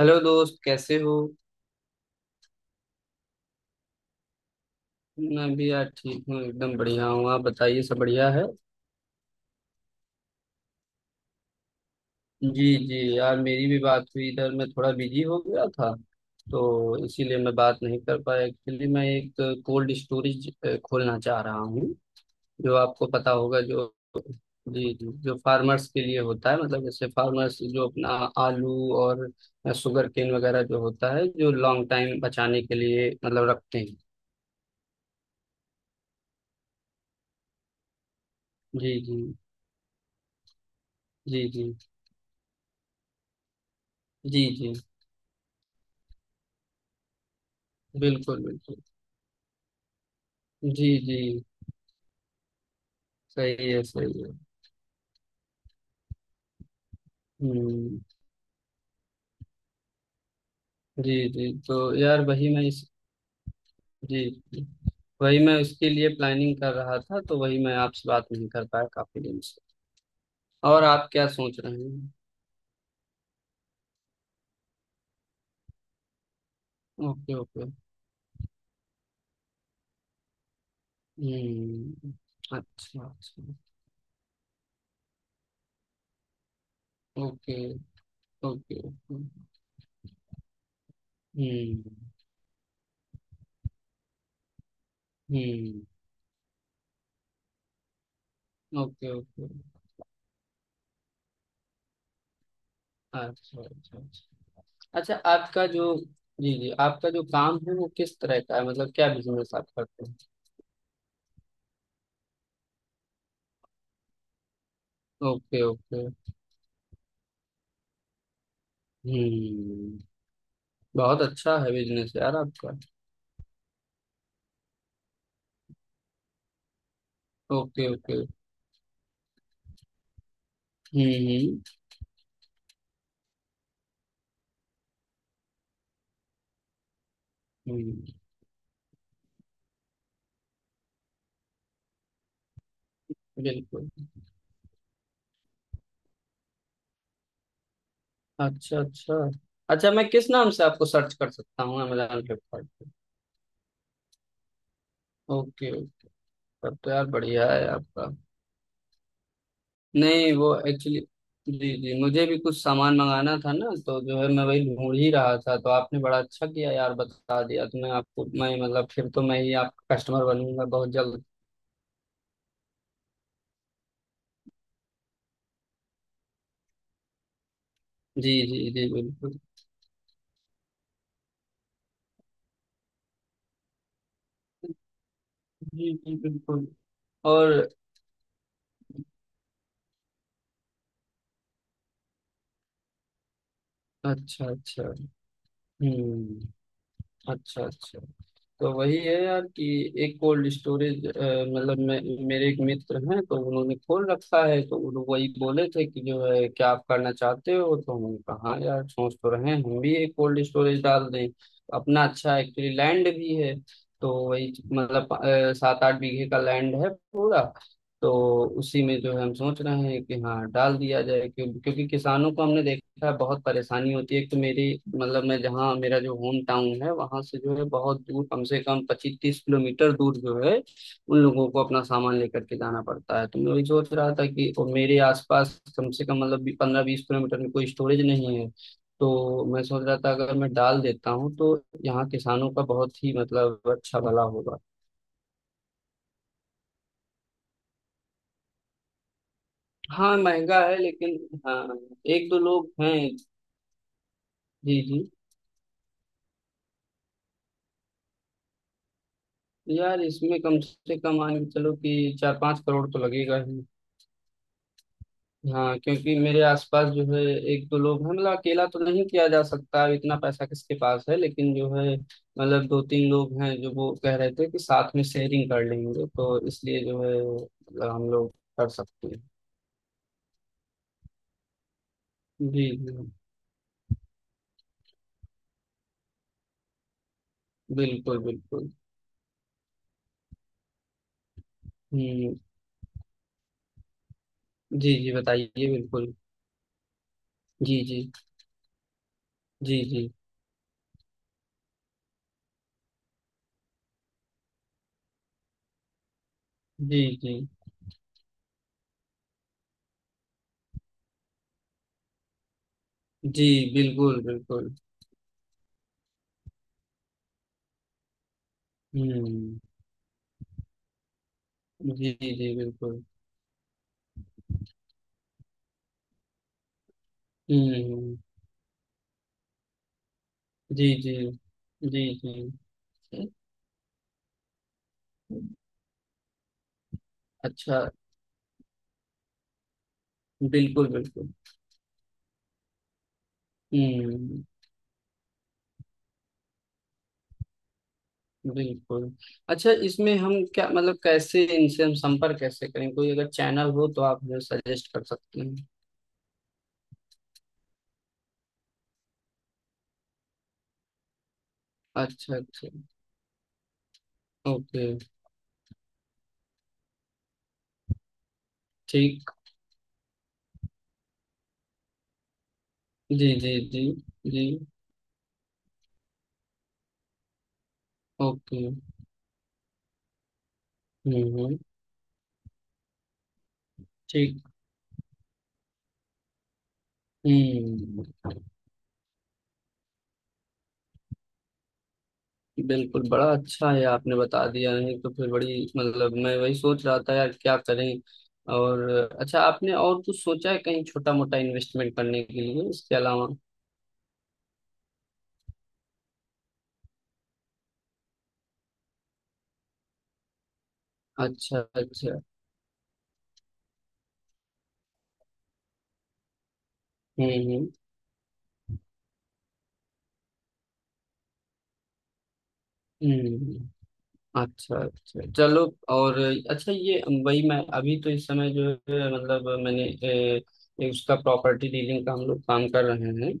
Hello दोस्त, कैसे हो? मैं भी यार ठीक हूँ, एकदम बढ़िया हूँ। आप बताइए, सब बढ़िया है? जी जी, यार मेरी भी बात हुई। इधर मैं थोड़ा बिजी हो गया था तो इसीलिए मैं बात नहीं कर पाया। एक्चुअली मैं एक कोल्ड स्टोरेज खोलना चाह रहा हूँ। जो आपको पता होगा, जो जी जी, जो फार्मर्स के लिए होता है, मतलब जैसे फार्मर्स जो अपना आलू और शुगर केन वगैरह जो होता है, जो लॉन्ग टाइम बचाने के लिए मतलब रखते हैं। जी जी। जी जी। जी जी। बिल्कुल बिल्कुल। जी जी। सही है, सही है। हम्म। जी जी, तो यार वही मैं इस। जी जी, वही मैं उसके लिए प्लानिंग कर रहा था, तो वही मैं आपसे बात नहीं कर पाया काफी दिन से। और आप क्या सोच रहे हैं? Okay okay. हम्म। अच्छा अच्छा। Okay okay okay. Hmm hmm. Okay okay. अच्छा अच्छा अच्छा। अच्छा, आपका जो जी जी, आपका जो काम है वो किस तरह का है? मतलब क्या बिजनेस आप करते हैं? Okay okay. हम्म। बहुत अच्छा है बिजनेस यार आपका। Okay okay. Hmm hmm. बिल्कुल। अच्छा अच्छा। अच्छा, मैं किस नाम से आपको सर्च कर सकता हूँ अमेजोन फ्लिपकार्ट पे? Okay okay. तब तो यार बढ़िया है आपका। नहीं, वो एक्चुअली। जी जी, मुझे भी कुछ सामान मंगाना था ना, तो जो है मैं वही ढूंढ ही रहा था, तो आपने बड़ा अच्छा किया यार बता दिया। तो मैं आपको, मैं मतलब, फिर तो मैं ही आपका कस्टमर बनूंगा बहुत जल्द। जी जी जी बिल्कुल। जी जी बिल्कुल। और अच्छा अच्छा। हम्म। अच्छा अच्छा। तो वही है यार कि एक कोल्ड स्टोरेज, मतलब मैं, मेरे एक मित्र हैं तो उन्होंने खोल रखा है, तो वो लोग वही बोले थे कि जो है क्या आप करना चाहते हो, तो हमने कहा हाँ यार, सोच तो रहे हैं हम भी एक कोल्ड स्टोरेज डाल दें अपना। अच्छा एक्चुअली लैंड भी है, तो वही मतलब 7-8 बीघे का लैंड है पूरा। तो उसी में जो है हम सोच रहे हैं कि हाँ डाल दिया जाए। क्योंकि किसानों को हमने देखा है बहुत परेशानी होती है। एक तो मेरी मतलब, मैं जहाँ, मेरा जो होम टाउन है वहां से जो है बहुत दूर, कम से कम 25-30 किलोमीटर दूर, जो है उन लोगों को अपना सामान लेकर के जाना पड़ता है। तो मैं वही सोच रहा था कि, और मेरे आसपास कम से कम मतलब 15-20 किलोमीटर में कोई स्टोरेज नहीं है। तो मैं सोच रहा था अगर मैं डाल देता हूँ तो यहाँ किसानों का बहुत ही मतलब अच्छा भला होगा। हाँ महंगा है लेकिन। हाँ। 1-2 लोग हैं। जी जी, यार इसमें कम से कम मान के चलो कि 4-5 करोड़ तो लगेगा ही। हाँ, क्योंकि मेरे आसपास जो है 1-2 लोग हैं, मतलब अकेला तो नहीं किया जा सकता, इतना पैसा किसके पास है, लेकिन जो है मतलब 2-3 लोग हैं जो वो कह रहे थे कि साथ में शेयरिंग कर लेंगे, तो इसलिए जो है मतलब हम लोग कर सकते हैं। जी जी बिल्कुल बिल्कुल। हम्म। जी जी बताइए बिल्कुल। जी जी। जी जी। जी जी। जी बिल्कुल बिल्कुल। हम्म। जी जी बिल्कुल। हम्म। जी जी। जी जी। अच्छा। बिल्कुल बिल्कुल। हम्म। बिल्कुल। अच्छा, इसमें हम क्या मतलब कैसे, इनसे हम संपर्क कैसे करें? कोई अगर चैनल हो तो आप मुझे सजेस्ट कर सकते हैं। अच्छा अच्छा। ओके। ठीक। जी जी। जी जी। ओके। हम्म। ठीक। हम्म। बिल्कुल, बड़ा अच्छा है आपने बता दिया, नहीं तो फिर बड़ी मतलब मैं वही सोच रहा था यार क्या करें। और अच्छा, आपने और कुछ सोचा है कहीं छोटा मोटा इन्वेस्टमेंट करने के लिए इसके अलावा? अच्छा अच्छा। हम्म। हम्म हम्म। अच्छा अच्छा चलो। और अच्छा, ये वही मैं अभी तो इस समय जो है मतलब मैंने ए, ए, उसका प्रॉपर्टी डीलिंग का हम लोग काम कर रहे हैं।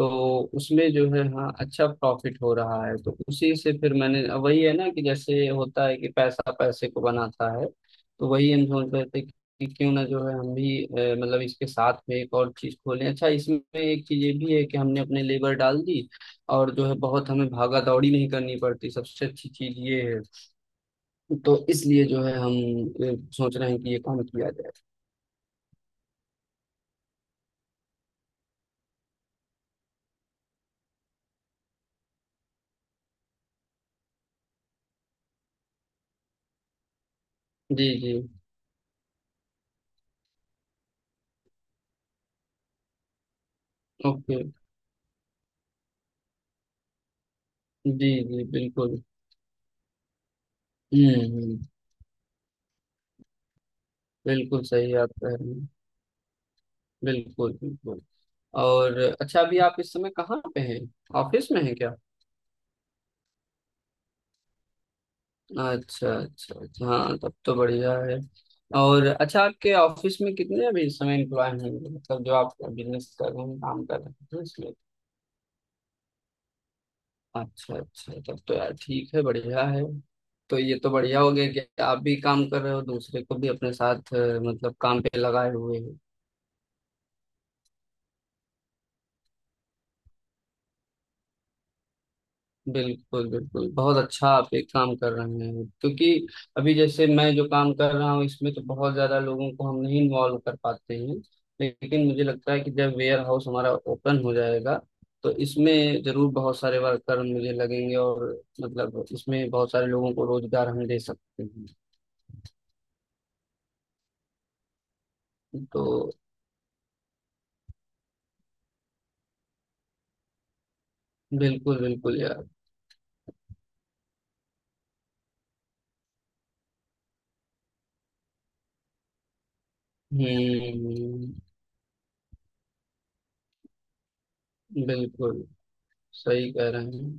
तो उसमें जो है हाँ अच्छा प्रॉफिट हो रहा है, तो उसी से फिर मैंने वही है ना कि जैसे होता है कि पैसा पैसे को बनाता है, तो वही हम सोच रहे थे कि क्यों ना जो है हम भी मतलब इसके साथ में एक और चीज खोलें। अच्छा इसमें एक चीज ये भी है कि हमने अपने लेबर डाल दी और जो है बहुत हमें भागा दौड़ी नहीं करनी पड़ती, सबसे अच्छी चीज ये है। तो इसलिए जो है हम ये सोच रहे हैं कि ये काम किया जाए। जी जी। ओके। जी जी बिल्कुल। हम्म हम्म, बिल्कुल सही आप कह रहे हैं। बिल्कुल बिल्कुल। और अच्छा, अभी आप इस समय कहाँ पे हैं? ऑफिस में हैं क्या? अच्छा अच्छा अच्छा। हाँ, तब तो बढ़िया है। और अच्छा, आपके ऑफिस में कितने अभी इस समय एम्प्लॉय हैं, मतलब जो आप बिजनेस कर रहे हैं काम कर रहे हैं इसमें? अच्छा अच्छा, तब तो यार ठीक है, बढ़िया है। तो ये तो बढ़िया हो गया कि आप भी काम कर रहे हो, दूसरे को भी अपने साथ मतलब काम पे लगाए हुए हो। बिल्कुल बिल्कुल, बहुत अच्छा आप एक काम कर रहे हैं। क्योंकि अभी जैसे मैं जो काम कर रहा हूँ इसमें तो बहुत ज्यादा लोगों को हम नहीं इन्वॉल्व कर पाते हैं। लेकिन मुझे लगता है कि जब वेयर हाउस हमारा ओपन हो जाएगा तो इसमें जरूर बहुत सारे वर्कर मुझे लगेंगे, और मतलब इसमें बहुत सारे लोगों को रोजगार हम दे सकते हैं। तो बिल्कुल बिल्कुल यार। हम्म। बिल्कुल सही कह रहे हैं।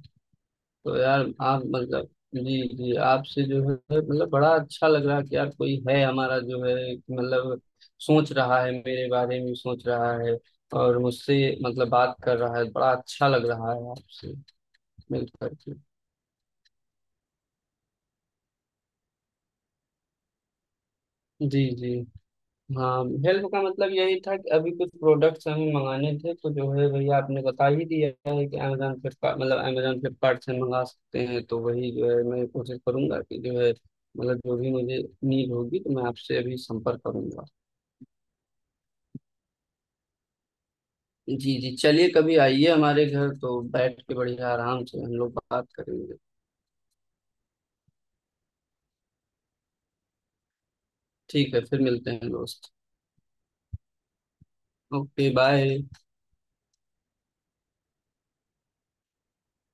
तो यार आप मतलब, जी जी, आपसे जो है मतलब बड़ा अच्छा लग रहा है कि यार कोई है हमारा जो है मतलब सोच रहा है, मेरे बारे में सोच रहा है। और मुझसे मतलब बात कर रहा है, बड़ा अच्छा लग रहा है आपसे मिल करके। जी जी। हाँ, हेल्प का मतलब यही था कि अभी कुछ प्रोडक्ट्स हमें मंगाने थे, तो जो है भैया आपने बता ही दिया है कि अमेजोन फ्लिपकार्ट, मतलब अमेजोन फ्लिपकार्ट से मंगा सकते हैं। तो वही जो है मैं कोशिश करूंगा कि जो है मतलब जो भी मुझे नीड होगी तो मैं आपसे अभी संपर्क करूंगा। जी जी। चलिए कभी आइए हमारे घर, तो बैठ के बढ़िया आराम से हम लोग बात करेंगे। ठीक है, फिर मिलते हैं दोस्त। Okay, bye.